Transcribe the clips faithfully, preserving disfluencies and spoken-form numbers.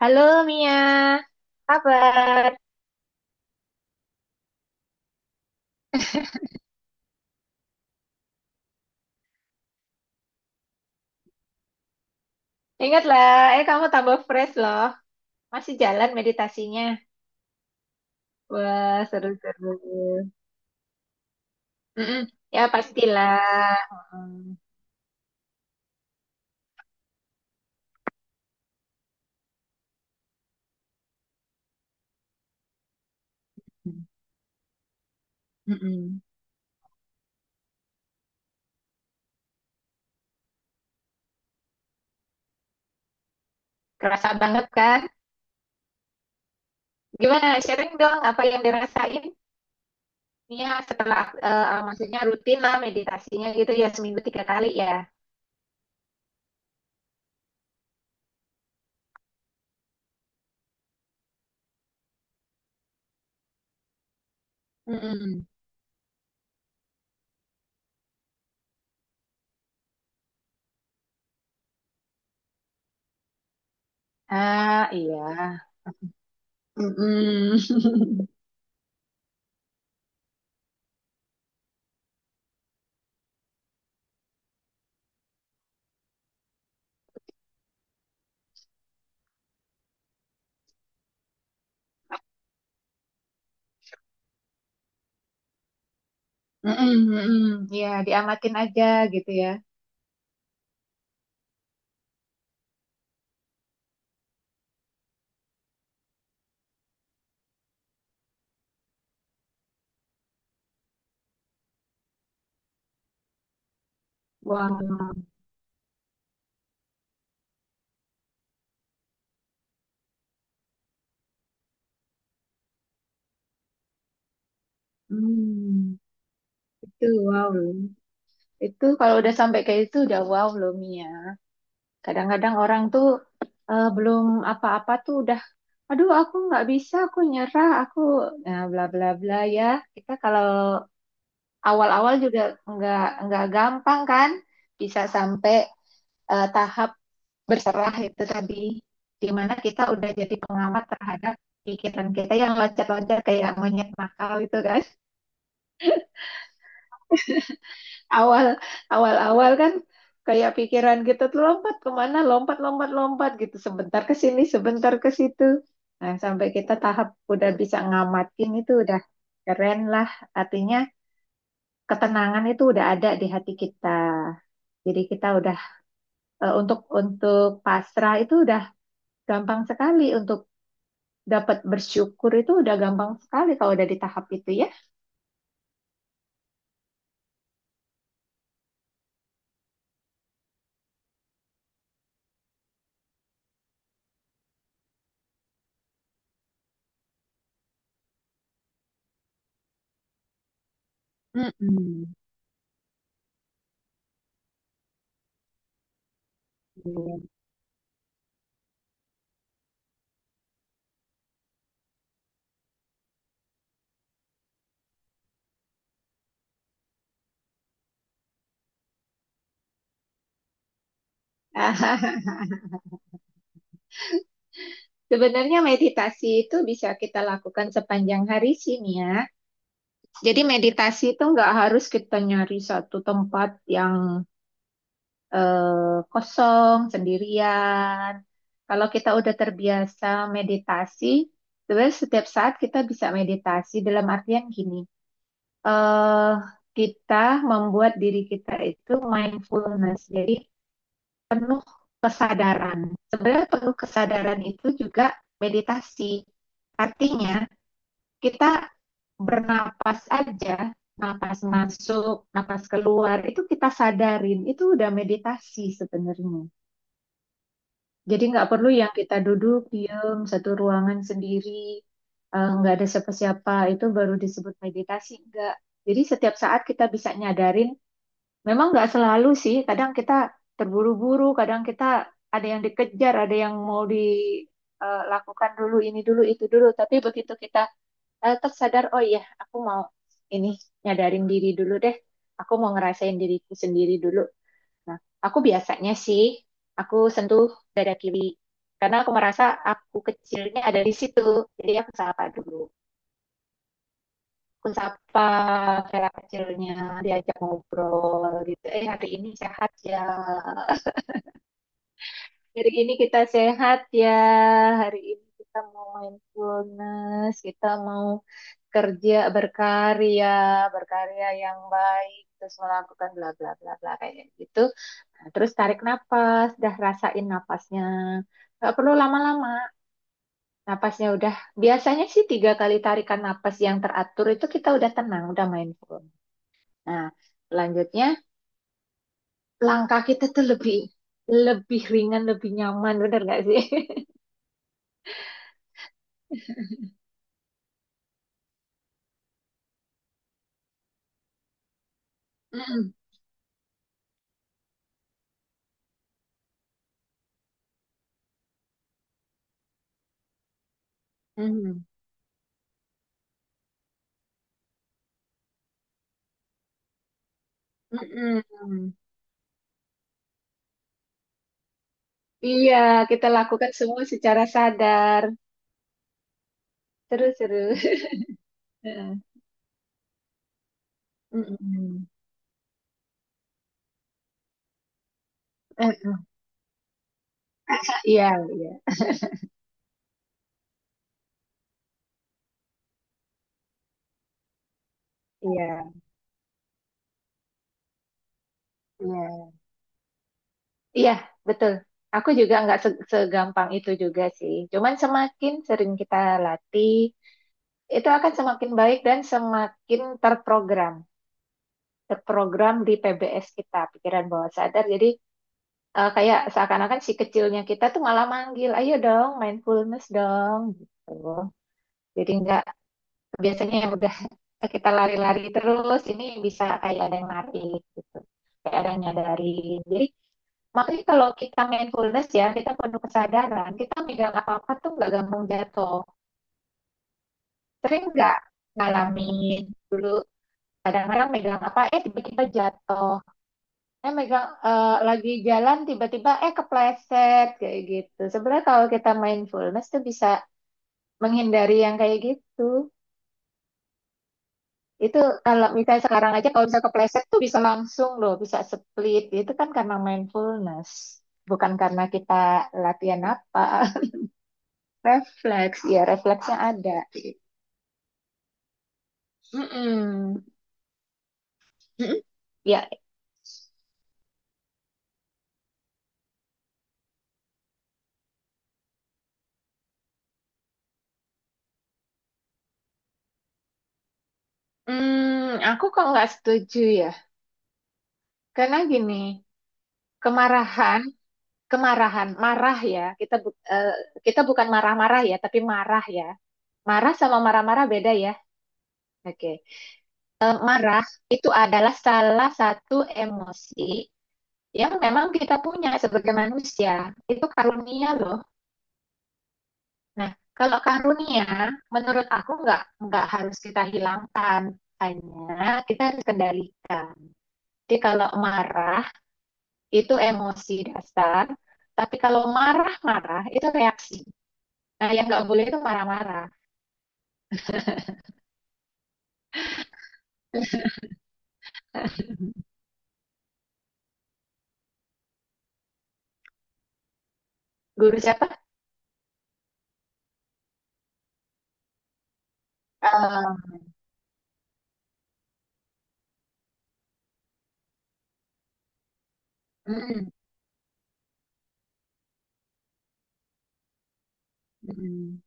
Halo Mia, kabar? Ingatlah, eh kamu tambah fresh loh. Masih jalan meditasinya. Wah, seru-seru. Mm-mm. Ya pastilah. Mm-mm. Mm-mm. Kerasa banget kan? Gimana? Sharing dong apa yang dirasain Mia setelah, eh, eh, maksudnya rutin lah meditasinya gitu ya seminggu tiga kali ya. Mm-mm. Ah, iya. Mm-mm. Mm-mm, mm-mm. Ya, diamatin aja gitu ya. Wah. Hmm, itu wow loh. Itu kalau udah sampai kayak itu udah wow loh Mia. Kadang-kadang orang tuh eh, belum apa-apa tuh udah, aduh aku nggak bisa, aku nyerah, aku nah bla bla bla ya. Kita kalau awal-awal juga nggak nggak gampang kan, bisa sampai eh, tahap berserah itu tadi, di mana kita udah jadi pengamat terhadap pikiran kita yang loncat-loncat kayak monyet nakal itu kan. Awal awal awal kan kayak pikiran kita tuh lompat kemana lompat lompat lompat gitu sebentar ke sini sebentar ke situ nah sampai kita tahap udah bisa ngamatin itu udah keren lah artinya ketenangan itu udah ada di hati kita jadi kita udah eh, untuk untuk pasrah itu udah gampang sekali untuk dapat bersyukur itu udah gampang sekali kalau udah di tahap itu ya. Mm-mm. Iya. Aha, sebenarnya meditasi itu bisa kita lakukan sepanjang hari sih Mia. Jadi meditasi itu nggak harus kita nyari satu tempat yang eh, kosong, sendirian. Kalau kita udah terbiasa meditasi, sebenarnya setiap saat kita bisa meditasi dalam artian gini. eh kita membuat diri kita itu mindfulness, jadi penuh kesadaran. Sebenarnya penuh kesadaran itu juga meditasi. Artinya, kita bernapas aja, napas masuk, napas keluar, itu kita sadarin, itu udah meditasi sebenarnya. Jadi nggak perlu yang kita duduk diem satu ruangan sendiri, eh, nggak ada siapa-siapa, itu baru disebut meditasi, nggak. Jadi setiap saat kita bisa nyadarin, memang nggak selalu sih, kadang kita terburu-buru, kadang kita ada yang dikejar, ada yang mau dilakukan dulu, ini dulu, itu dulu, tapi begitu kita eh, tersadar oh iya aku mau ini nyadarin diri dulu deh aku mau ngerasain diriku sendiri dulu nah aku biasanya sih aku sentuh dada kiri karena aku merasa aku kecilnya ada di situ jadi aku sapa dulu aku sapa Vera kecilnya diajak ngobrol gitu eh hari ini sehat ya. Hari ini kita sehat ya. Hari ini kita mau mindfulness, kita mau kerja berkarya, berkarya yang baik, terus melakukan bla bla bla bla kayak gitu. Nah, terus tarik napas, dah rasain napasnya. Gak perlu lama-lama. Napasnya udah biasanya sih tiga kali tarikan napas yang teratur itu kita udah tenang, udah mindful. Nah, selanjutnya langkah kita tuh lebih lebih ringan, lebih nyaman, bener gak sih? Mm-mm. Mhm. Mhm. Iya, kita lakukan semua secara sadar. Terus, terus. Heeh. Mhm. Heeh. Iya, iya, iya, iya, iya, betul. Aku juga nggak se- segampang itu juga sih. Cuman semakin sering kita latih, itu akan semakin baik dan semakin terprogram, terprogram di P B S kita, pikiran bawah sadar. Jadi eh, kayak seakan-akan si kecilnya kita tuh malah manggil, ayo dong, mindfulness dong, gitu. Jadi nggak biasanya yang udah kita lari-lari terus ini bisa kayak ada yang narik gitu, kayak ada yang nyadarin. Jadi makanya kalau kita mindfulness ya kita penuh kesadaran, kita megang apa-apa tuh nggak gampang jatuh. Sering nggak ngalamin kadang-kadang megang apa eh tiba-tiba jatuh eh megang eh, lagi jalan tiba-tiba eh kepleset kayak gitu sebenarnya kalau kita mindfulness tuh bisa menghindari yang kayak gitu. Itu kalau misalnya sekarang aja kalau bisa kepleset tuh bisa langsung loh, bisa split. Itu kan karena mindfulness, bukan karena kita latihan apa. Refleks, ya refleksnya ada. Mm-mm. Mm-mm. Ya, hmm, aku kok nggak setuju ya. Karena gini, kemarahan, kemarahan, marah ya. Kita bu- eh, kita bukan marah-marah ya, tapi marah ya. Marah sama marah-marah beda ya. Oke. Eh, marah itu adalah salah satu emosi yang memang kita punya sebagai manusia itu karunia loh. Nah, kalau karunia menurut aku nggak nggak harus kita hilangkan, hanya kita harus kendalikan. Jadi kalau marah itu emosi dasar, tapi kalau marah-marah itu reaksi. Nah, yang nggak boleh itu marah-marah. Guru siapa? Eh, mm, mm,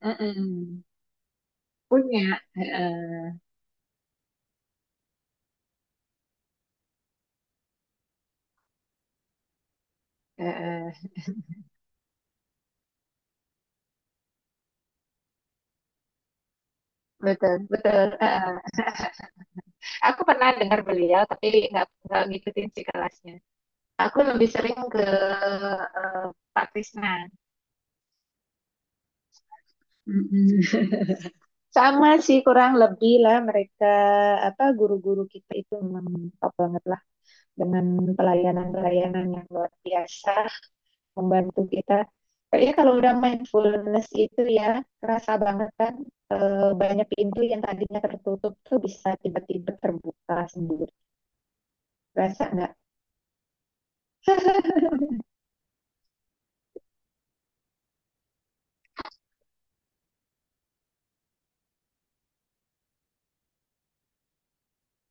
mm, mm. punya eh, eh, eh, Betul, betul. eh, eh. Aku pernah dengar beliau, tapi nggak nggak ngikutin si kelasnya. Aku lebih sering ke eh, Pak Krisna. Mm-mm. Sama sih kurang lebih lah mereka apa guru-guru kita itu memang top banget lah dengan pelayanan-pelayanan yang luar biasa membantu kita. Kayaknya kalau udah mindfulness itu ya kerasa banget kan eh, banyak pintu yang tadinya tertutup tuh bisa tiba-tiba terbuka sendiri. Kerasa nggak?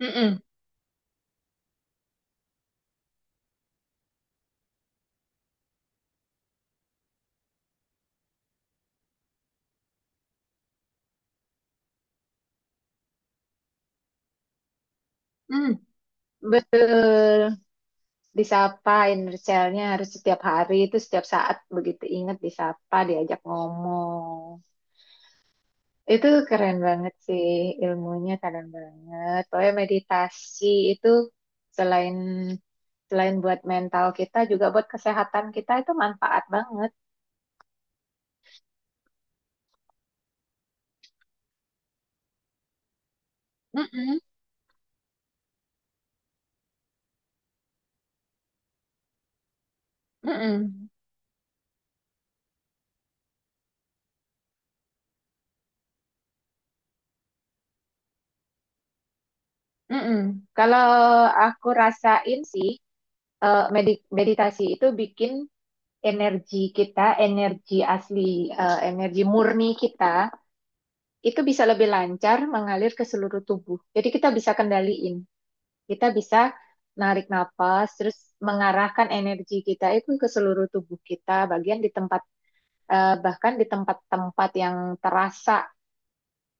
Mm-mm. Hmm, betul. Disapain Richelnya harus setiap hari itu setiap saat begitu ingat disapa diajak ngomong itu keren banget sih ilmunya keren banget pokoknya meditasi itu selain selain buat mental kita juga buat kesehatan kita itu manfaat banget. Mm-mm, mm-mm, mm-mm. kalau aku rasain sih eh, medi- meditasi itu bikin energi kita, energi asli, eh, energi murni kita, itu bisa lebih lancar mengalir ke seluruh tubuh. Jadi kita bisa kendaliin, kita bisa narik nafas, terus mengarahkan energi kita itu ke seluruh tubuh kita, bagian di tempat, eh, bahkan di tempat-tempat yang terasa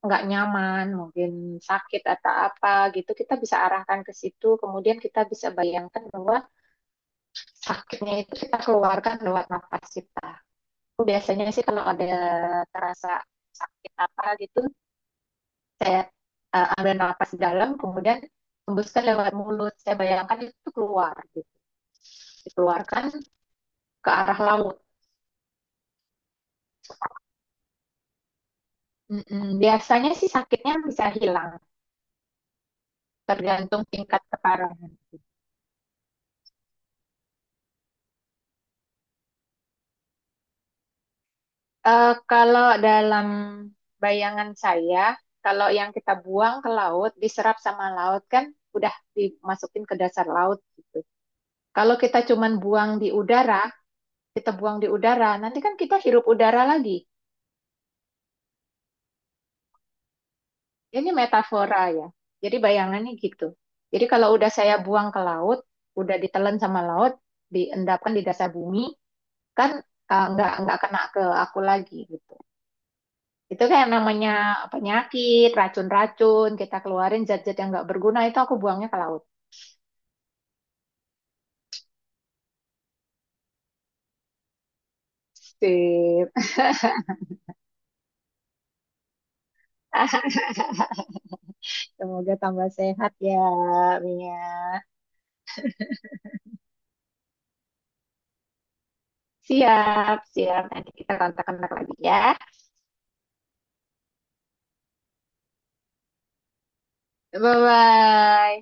nggak nyaman, mungkin sakit atau apa gitu, kita bisa arahkan ke situ, kemudian kita bisa bayangkan bahwa sakitnya itu kita keluarkan lewat nafas kita. Biasanya sih kalau ada terasa sakit apa gitu, saya eh, ambil nafas dalam, kemudian hembuskan lewat mulut. Saya bayangkan itu keluar, gitu. Dikeluarkan ke arah laut. Mm-mm. Biasanya sih sakitnya bisa hilang, tergantung tingkat keparahan. Eh, kalau dalam bayangan saya, kalau yang kita buang ke laut, diserap sama laut kan udah dimasukin ke dasar laut gitu. Kalau kita cuman buang di udara, kita buang di udara, nanti kan kita hirup udara lagi. Ya, ini metafora ya. Jadi bayangannya gitu. Jadi kalau udah saya buang ke laut, udah ditelan sama laut, diendapkan di dasar bumi, kan eh, nggak nggak kena ke aku lagi gitu. Itu kayak namanya penyakit, racun-racun, kita keluarin zat-zat yang nggak berguna itu aku buangnya ke laut. Sip. Semoga tambah sehat ya, Mia. Siap, siap. Nanti kita kontak-kontak lagi ya. Bye-bye.